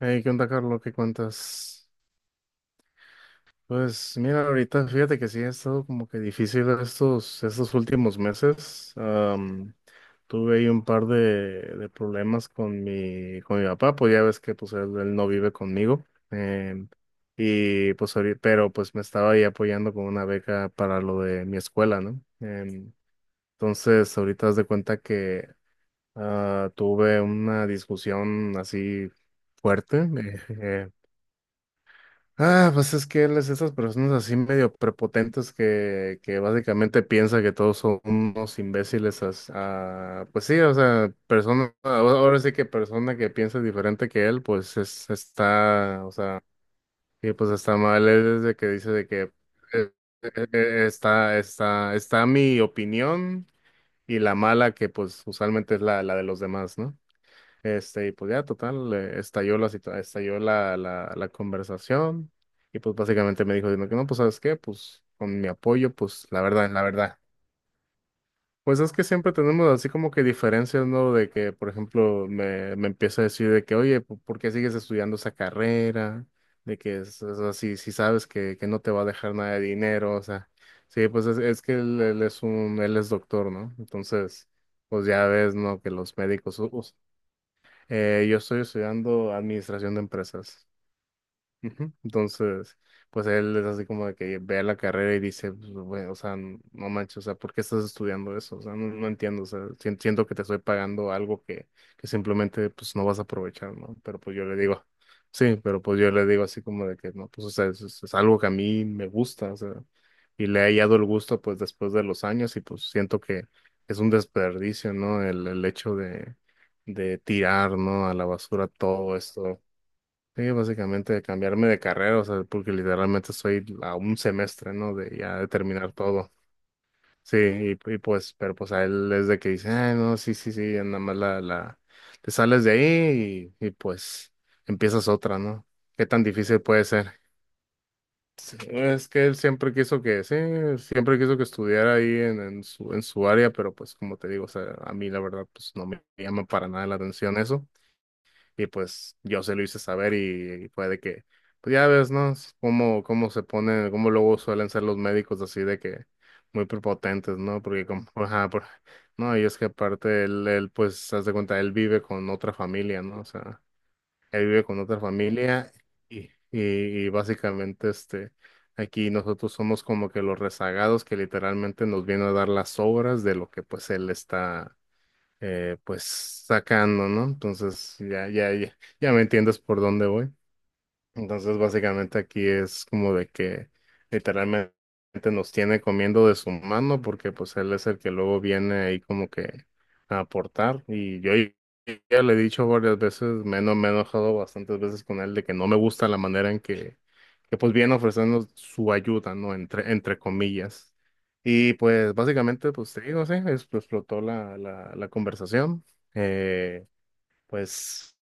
Hey, ¿qué onda, Carlos? ¿Qué cuentas? Pues mira, ahorita fíjate que sí ha estado como que difícil estos últimos meses. Tuve ahí un par de problemas con mi papá, pues ya ves que pues él no vive conmigo. em, y pues ahorita, pero pues me estaba ahí apoyando con una beca para lo de mi escuela, ¿no? Entonces ahorita haz de cuenta que tuve una discusión así fuerte. Ah, pues es que él es esas personas así medio prepotentes que básicamente piensa que todos son unos imbéciles. Pues sí, o sea, persona, ahora ahora sí que persona que piensa diferente que él, pues es, está, o sea, y pues está mal. Él desde que dice de que eh, está mi opinión y la mala que pues usualmente es la de los demás, ¿no? Este, y pues ya, total, estalló la conversación. Y pues básicamente me dijo, diciendo que no, pues ¿sabes qué? Pues con mi apoyo, pues la verdad, la verdad. Pues es que siempre tenemos así como que diferencias, ¿no? De que, por ejemplo, me empieza a decir de que, oye, ¿por qué sigues estudiando esa carrera? De que es así, si sabes que no te va a dejar nada de dinero, o sea, sí, pues es que él es doctor, ¿no? Entonces, pues ya ves, ¿no? Que los médicos. Yo estoy estudiando administración de empresas. Ujú. Entonces, pues él es así como de que ve la carrera y dice, pues, güey, o sea, no manches, o sea, ¿por qué estás estudiando eso? O sea, no, no entiendo, o sea, siento que te estoy pagando algo que simplemente, pues, no vas a aprovechar, ¿no? Pero pues yo le digo, sí, pero pues yo le digo así como de que, no, pues, o sea, es algo que a mí me gusta, o sea, y le he hallado el gusto, pues, después de los años y pues siento que es un desperdicio, ¿no? El hecho de tirar, ¿no? A la basura todo esto. Sí, básicamente cambiarme de carrera, o sea, porque literalmente estoy a un semestre, ¿no? De ya de terminar todo. Sí, y pues, pero pues a él es de que dice, ah, no, sí, sí, sí, ya nada más la, te sales de ahí y pues empiezas otra, ¿no? ¿Qué tan difícil puede ser? Sí, es que él siempre quiso que, sí, siempre quiso que estudiara ahí en su área, pero pues como te digo, o sea, a mí la verdad, pues no me llama para nada la atención eso. Y pues yo se lo hice saber y fue de que, pues ya ves, ¿no? Es cómo se ponen cómo luego suelen ser los médicos así de que muy prepotentes, ¿no? Porque como, ajá, no, y es que aparte él, pues, haz de cuenta, él vive con otra familia, ¿no? O sea, él vive con otra familia y, y, y básicamente, este, aquí nosotros somos como que los rezagados que literalmente nos vienen a dar las obras de lo que pues él está pues sacando, ¿no? Entonces ya, ya, ya, ya me entiendes por dónde voy. Entonces, básicamente aquí es como de que literalmente nos tiene comiendo de su mano porque pues él es el que luego viene ahí como que a aportar. Y yo ya le he dicho varias veces, me he enojado bastantes veces con él de que no me gusta la manera en que, pues viene ofreciendo su ayuda, ¿no? Entre comillas. Y pues básicamente, pues te digo, sí, explotó la conversación. Eh, pues...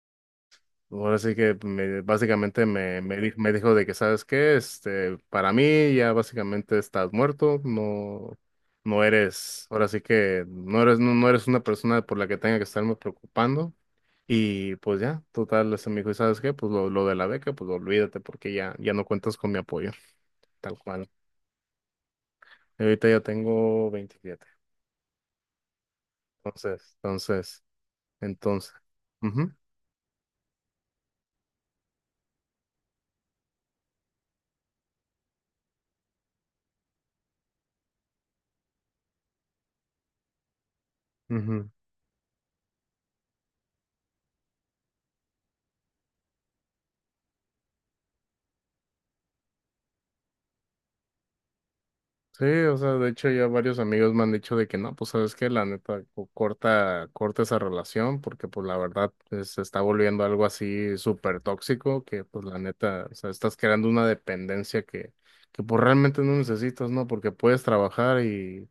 Ahora sí que básicamente me dijo de que, ¿sabes qué? Este, para mí ya básicamente estás muerto, no, no eres, ahora sí que no eres, no, no eres una persona por la que tenga que estarme preocupando. Y pues ya, total, ese me dijo, ¿y sabes qué? Pues lo de la beca, pues olvídate porque ya, ya no cuentas con mi apoyo, tal cual. Y ahorita ya tengo 27. Entonces, entonces, entonces. Ujú, ujú. Sí, o sea, de hecho ya varios amigos me han dicho de que no, pues sabes que la neta corta, corta esa relación porque pues la verdad pues, se está volviendo algo así súper tóxico que pues la neta, o sea, estás creando una dependencia que pues realmente no necesitas, ¿no? Porque puedes trabajar y,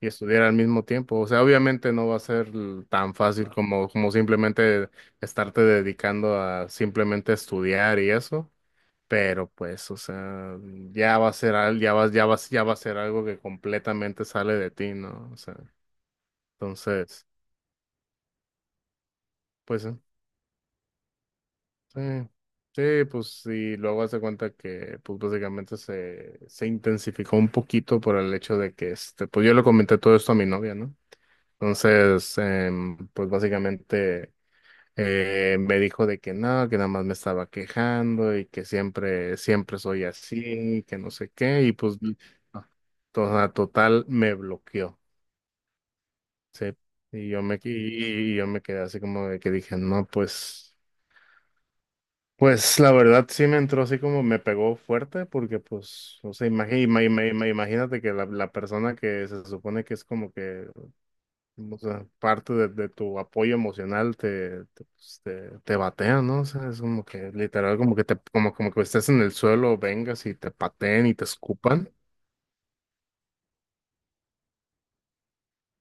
y estudiar al mismo tiempo. O sea, obviamente no va a ser tan fácil como simplemente estarte dedicando a simplemente estudiar y eso. Pero pues, o sea, ya va a ser, ya va a ser algo que completamente sale de ti, ¿no? O sea, entonces, pues sí, sí, sí, pues sí, luego hace cuenta que, pues básicamente se intensificó un poquito por el hecho de que, este, pues yo le comenté todo esto a mi novia, ¿no? Entonces, pues básicamente me dijo de que no, que nada más me estaba quejando y que siempre, siempre soy así, que no sé qué, y pues no, total me bloqueó, sí. Y yo me quedé así como de que dije, no, pues, pues la verdad sí me entró así como me pegó fuerte, porque pues, o sea, imagínate que la persona que se supone que es como que. O sea, parte de tu apoyo emocional te batea, ¿no? O sea, es como que literal, como que estés en el suelo, vengas y te pateen y te escupan.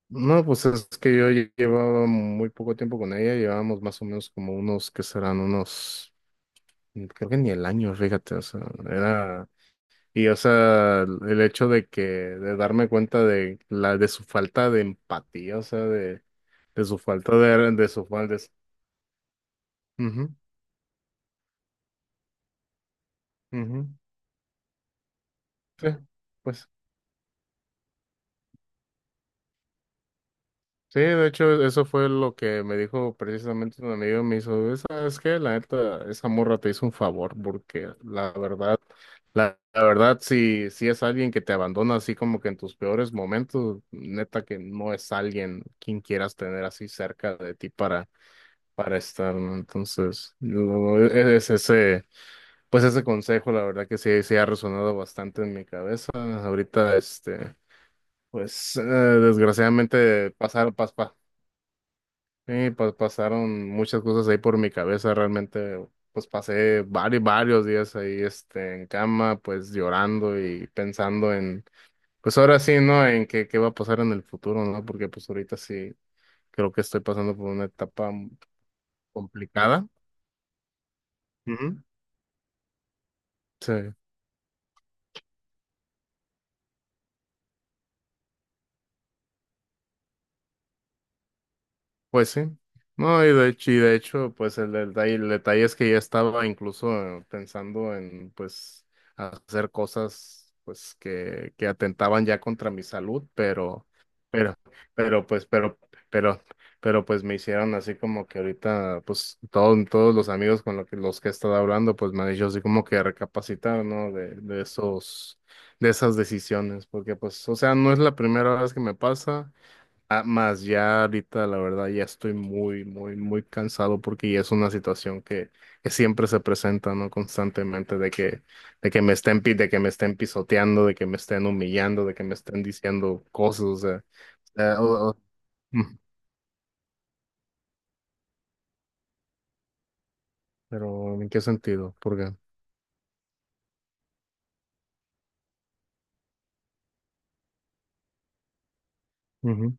No, pues es que yo llevaba muy poco tiempo con ella, llevábamos más o menos como unos, que serán unos, creo que ni el año, fíjate, o sea, era, y o sea, el hecho de que, de darme cuenta de su falta de empatía, o sea, de su falta de su falta de. Ujú, ujú. Sí, pues sí, de hecho eso fue lo que me dijo precisamente un amigo, me hizo, ¿sabes qué? La neta, esa morra te hizo un favor porque la verdad, la verdad, si es alguien que te abandona así como que en tus peores momentos, neta que no es alguien quien quieras tener así cerca de ti para estar, ¿no? Entonces, pues ese consejo, la verdad que sí, sí ha resonado bastante en mi cabeza. Ahorita, este. Pues desgraciadamente, sí, pasaron muchas cosas ahí por mi cabeza, realmente, pues pasé varios, varios días ahí, este, en cama, pues llorando y pensando en, pues ahora sí, ¿no? En qué va a pasar en el futuro, ¿no? Porque pues ahorita sí creo que estoy pasando por una etapa complicada. Ujú. Sí. Pues sí. No, y de hecho, pues el detalle es que ya estaba incluso pensando en, pues, hacer cosas, pues, que atentaban ya contra mi salud, pero, pero, pues, pero, pero, pero, pues, me hicieron así como que ahorita, pues, todos, todos los amigos con los que he estado hablando, pues, me han dicho así como que recapacitar, ¿no? De esas decisiones, porque, pues, o sea, no es la primera vez que me pasa. Ah, más ya ahorita, la verdad, ya estoy muy, muy, muy cansado porque ya es una situación que siempre se presenta, ¿no? Constantemente de que me estén, pisoteando, de que me estén humillando, de que me estén diciendo cosas, o sea, eh, o- o- mm, pero ¿en qué sentido? Porque, qué? Ujú,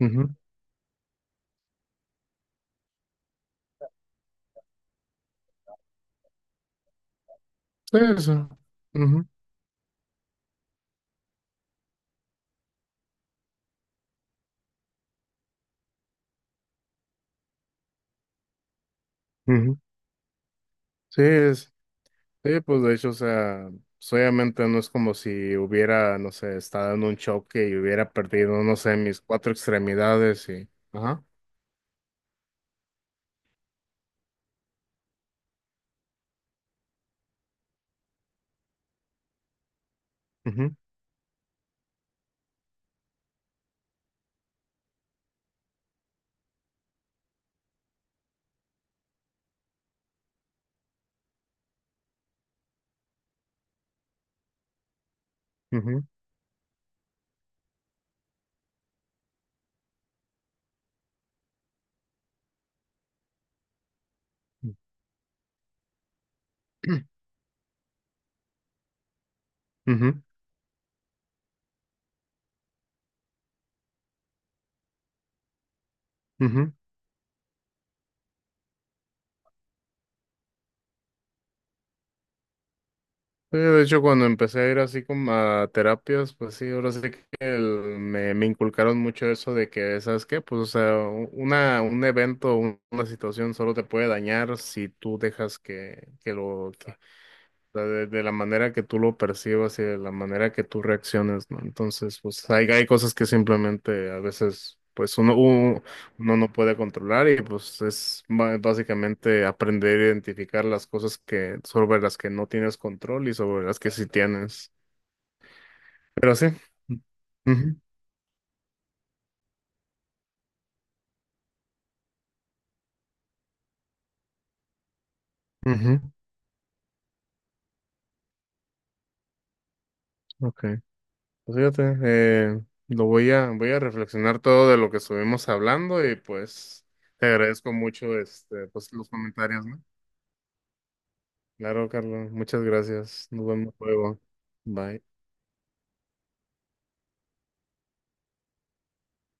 ujú, sí, sí, ujú, ujú. Sí, sí. Sí, pues de hecho, o sea, pues, obviamente no es como si hubiera, no sé, estado en un choque y hubiera perdido, no sé, mis cuatro extremidades y. Ajá. Ujú, ujú, ujú, ujú. Sí, de hecho, cuando empecé a ir así como a terapias, pues sí, ahora sí que me inculcaron mucho eso de que, ¿sabes qué? Pues, o sea, un evento, una situación solo te puede dañar si tú dejas que, sea, de la manera que tú lo percibas y de la manera que tú reacciones, ¿no? Entonces, pues hay cosas que simplemente a veces, pues uno no puede controlar y pues es básicamente aprender a identificar las cosas sobre las que no tienes control y sobre las que sí tienes. Pero sí. Ujú, ujú, ok. Pues fíjate, voy a reflexionar todo de lo que estuvimos hablando y pues te agradezco mucho este, pues, los comentarios, ¿no? Claro, Carlos. Muchas gracias. Nos vemos luego. Bye.